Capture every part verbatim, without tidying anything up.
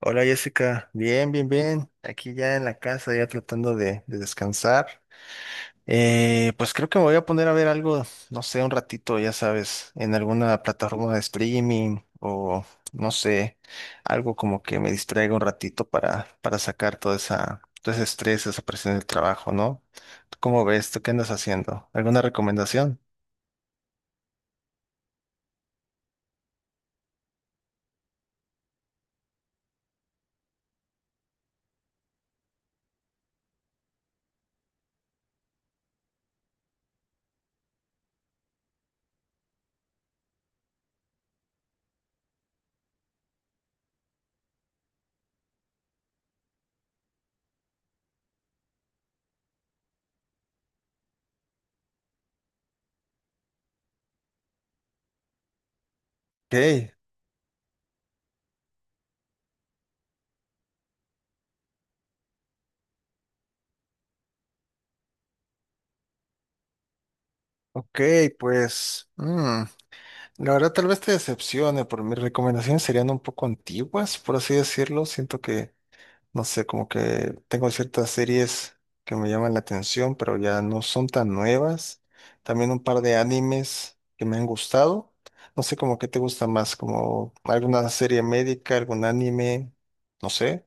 Hola Jessica, bien, bien, bien. Aquí ya en la casa, ya tratando de, de descansar. Eh, pues creo que me voy a poner a ver algo, no sé, un ratito, ya sabes, en alguna plataforma de streaming o no sé, algo como que me distraiga un ratito para, para sacar toda esa, todo ese estrés, esa presión del trabajo, ¿no? ¿Tú ¿Cómo ves? ¿Tú qué andas haciendo? ¿Alguna recomendación? Ok, ok, pues. La verdad, tal vez te decepcione, pero mis recomendaciones serían un poco antiguas, por así decirlo. Siento que, no sé, como que tengo ciertas series que me llaman la atención, pero ya no son tan nuevas. También un par de animes que me han gustado. No sé, como qué te gusta más, como alguna serie médica, algún anime, no sé.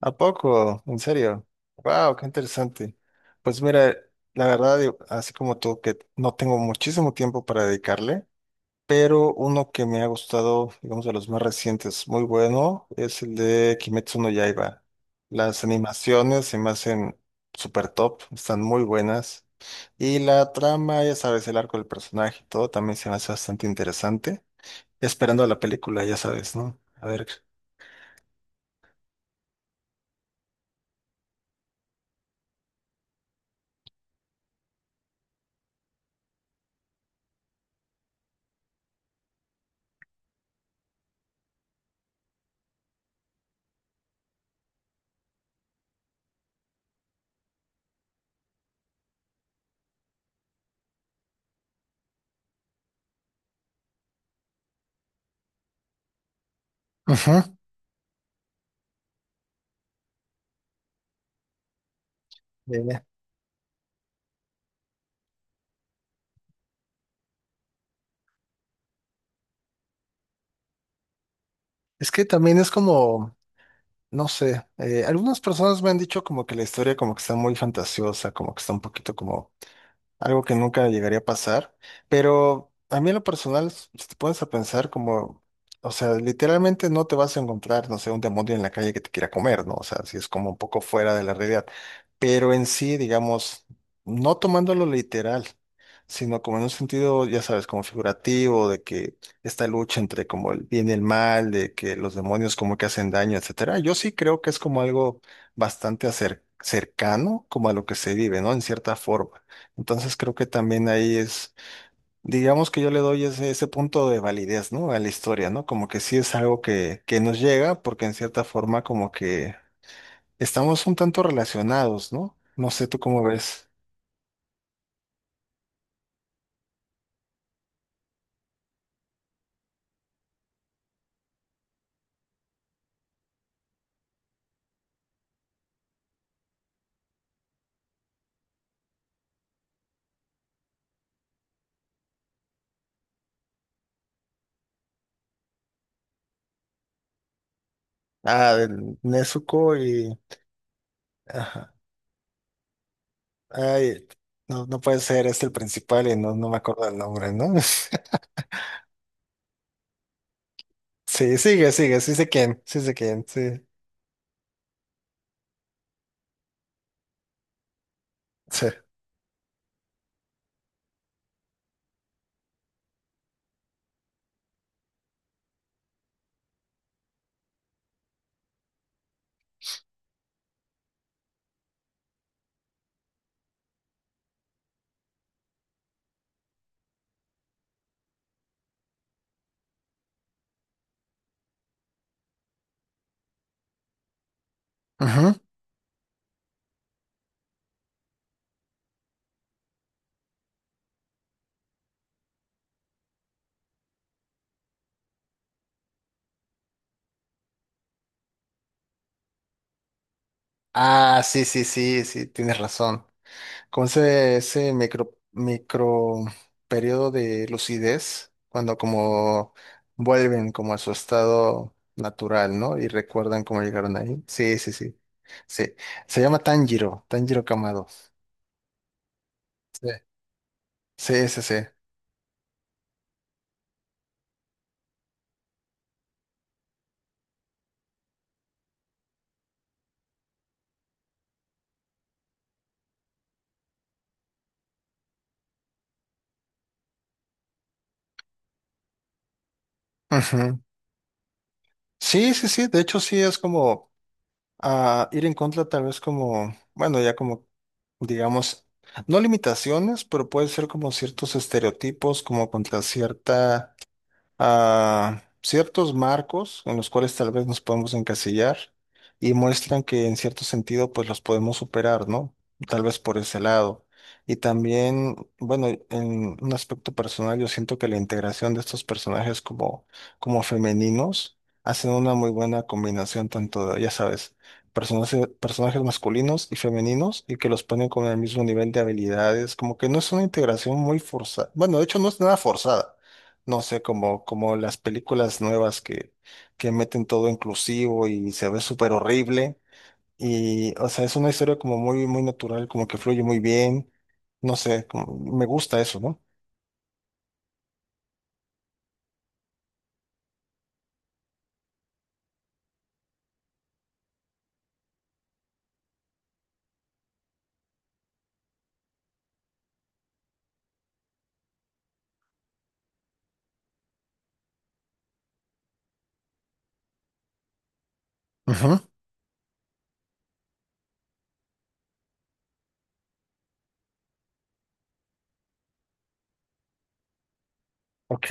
¿A poco? ¿En serio? ¡Wow! ¡Qué interesante! Pues mira, la verdad, yo- así como tú, que no tengo muchísimo tiempo para dedicarle. Pero uno que me ha gustado, digamos, de los más recientes, muy bueno, es el de Kimetsu no Yaiba. Las animaciones se me hacen súper top, están muy buenas. Y la trama, ya sabes, el arco del personaje y todo también se me hace bastante interesante. Esperando a la película, ya sabes, ¿no? A ver. Ujú, dime. Es que también es como, no sé, eh, algunas personas me han dicho como que la historia como que está muy fantasiosa, como que está un poquito como algo que nunca llegaría a pasar, pero a mí en lo personal, s- si te pones a pensar como, o sea, literalmente no te vas a encontrar, no sé, un demonio en la calle que te quiera comer, ¿no? O sea, si es como un poco fuera de la realidad, pero en sí, digamos, no tomándolo literal, sino como en un sentido, ya sabes, como figurativo, de que esta lucha entre como el bien y el mal, de que los demonios como que hacen daño, etcétera, yo sí creo que es como algo bastante acer- cercano como a lo que se vive, ¿no? En cierta forma. Entonces creo que también ahí es, digamos que yo le doy ese, ese punto de validez, ¿no? A la historia, ¿no? Como que sí es algo que, que nos llega, porque en cierta forma como que estamos un tanto relacionados, ¿no? No sé tú cómo ves. Ah, del Nezuko y... Ajá. Ay, no, no puede ser, es el principal y no, no me acuerdo el nombre, ¿no? Sí, sigue, sigue, sí sé quién, sí sé quién, sí. Sí. Ujú. Ah, sí, sí, sí, sí, tienes razón. Con ese, ese micro, micro periodo de lucidez, cuando como vuelven como a su estado natural, ¿no? Y recuerdan cómo llegaron ahí. Sí, sí, sí. Sí. Se llama Tanjiro, Tanjiro Kamado. Sí, sí, sí. Sí, ujú. Sí, sí. Sí, de hecho, sí es como, ah, ir en contra, tal vez como, bueno, ya como, digamos, no limitaciones, pero puede ser como ciertos estereotipos, como contra cierta a ciertos marcos en los cuales tal vez nos podemos encasillar y muestran que en cierto sentido pues los podemos superar, ¿no? Tal vez por ese lado. Y también, bueno, en un aspecto personal yo siento que la integración de estos personajes como, como femeninos hacen una muy buena combinación tanto de, ya sabes, personajes, personajes masculinos y femeninos y que los ponen con el mismo nivel de habilidades, como que no es una integración muy forzada. Bueno, de hecho no es nada forzada. No sé, como, como las películas nuevas que, que meten todo inclusivo y se ve súper horrible. Y, o sea, es una historia como muy, muy natural, como que fluye muy bien. No sé, como- me gusta eso, ¿no? Ajá. Ok.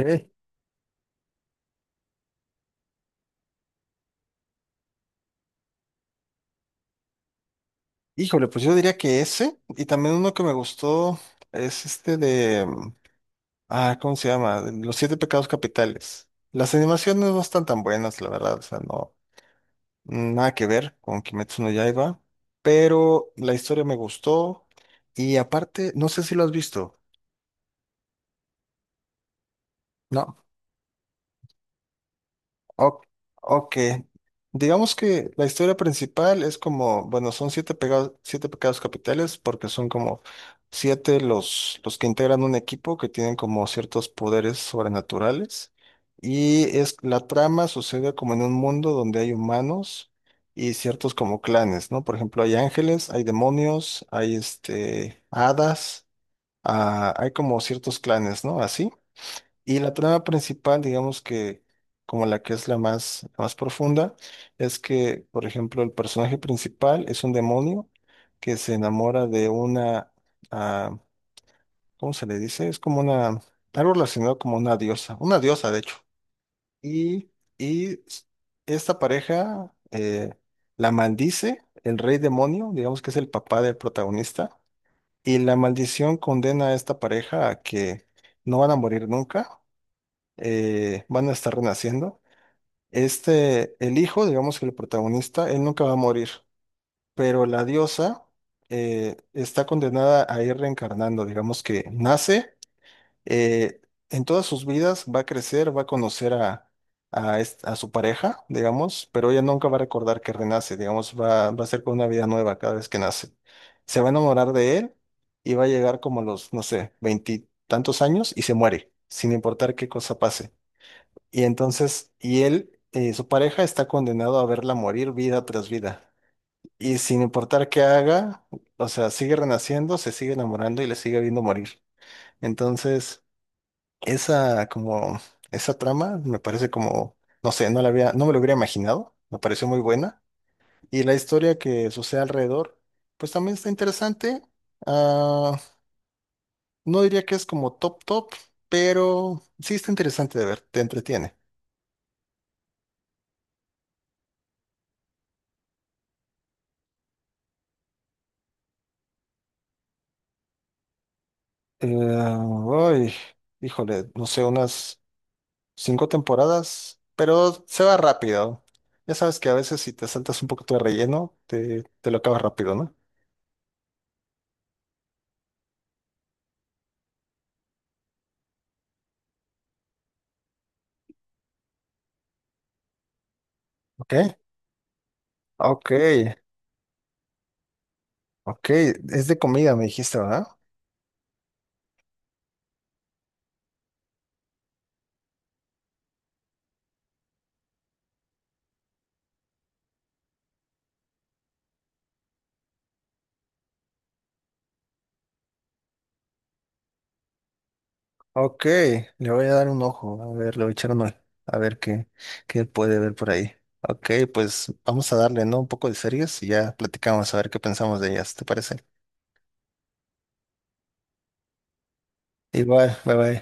Híjole, pues yo diría que ese, y también uno que me gustó es este de, mm, ah, ¿cómo se llama? Los siete pecados capitales. Las animaciones no están tan buenas, la verdad, o sea, no. mm, Nada que ver con Kimetsu no Yaiba, pero la historia me gustó y aparte, no sé si lo has visto. No. O- ok. Digamos que la historia principal es como, bueno, son siete pegados, siete pecados capitales, porque son como siete los, los que integran un equipo que tienen como ciertos poderes sobrenaturales. Y es la trama sucede como en un mundo donde hay humanos y ciertos como clanes, ¿no? Por ejemplo, hay ángeles, hay demonios, hay este hadas, ah, hay como ciertos clanes, ¿no? Así. Y la trama principal, digamos que como la que es la más, la más profunda, es que, por ejemplo, el personaje principal es un demonio que se enamora de una, ah, ¿cómo se le dice? Es como una, algo relacionado como una diosa, una diosa de hecho. Y, y s- esta pareja eh, la maldice el rey demonio, digamos que es el papá del protagonista, y la maldición condena a esta pareja a que no van a morir nunca, eh, van a estar renaciendo. Este, el hijo, digamos que el protagonista, él nunca va a morir, pero la diosa eh, está condenada a ir reencarnando, digamos que nace, eh, en todas sus vidas va a crecer, va a conocer a, a, est- a su pareja, digamos, pero ella nunca va a recordar que renace, digamos, va, va a ser con una vida nueva cada vez que nace. Se va a enamorar de él y va a llegar como a los, no sé, veintitantos años y se muere, sin importar qué cosa pase. Y entonces, y él, eh, su pareja está condenado a verla morir vida tras vida. Y sin importar qué haga, o sea, sigue renaciendo, se sigue enamorando y le sigue viendo morir. Entonces, esa como, esa trama me parece como, no sé, no la había, no me lo hubiera imaginado, me pareció muy buena. Y la historia que sucede alrededor, pues también está interesante. Ah, no diría que es como top top, pero sí está interesante de ver, te entretiene. Eh, Uy, híjole, no sé, unas cinco temporadas, pero se va rápido. Ya sabes que a veces si te saltas un poquito de relleno, te, te lo acabas rápido, ¿no? Ok, ok, ok. Es de comida, me dijiste, ¿verdad? Ok, le voy a dar un ojo. A ver, le voy a echar un ojo. A ver qué, qué puede ver por ahí. Ok, pues vamos a darle, ¿no? Un poco de series y ya platicamos a ver qué pensamos de ellas, ¿te parece? Igual, bye bye.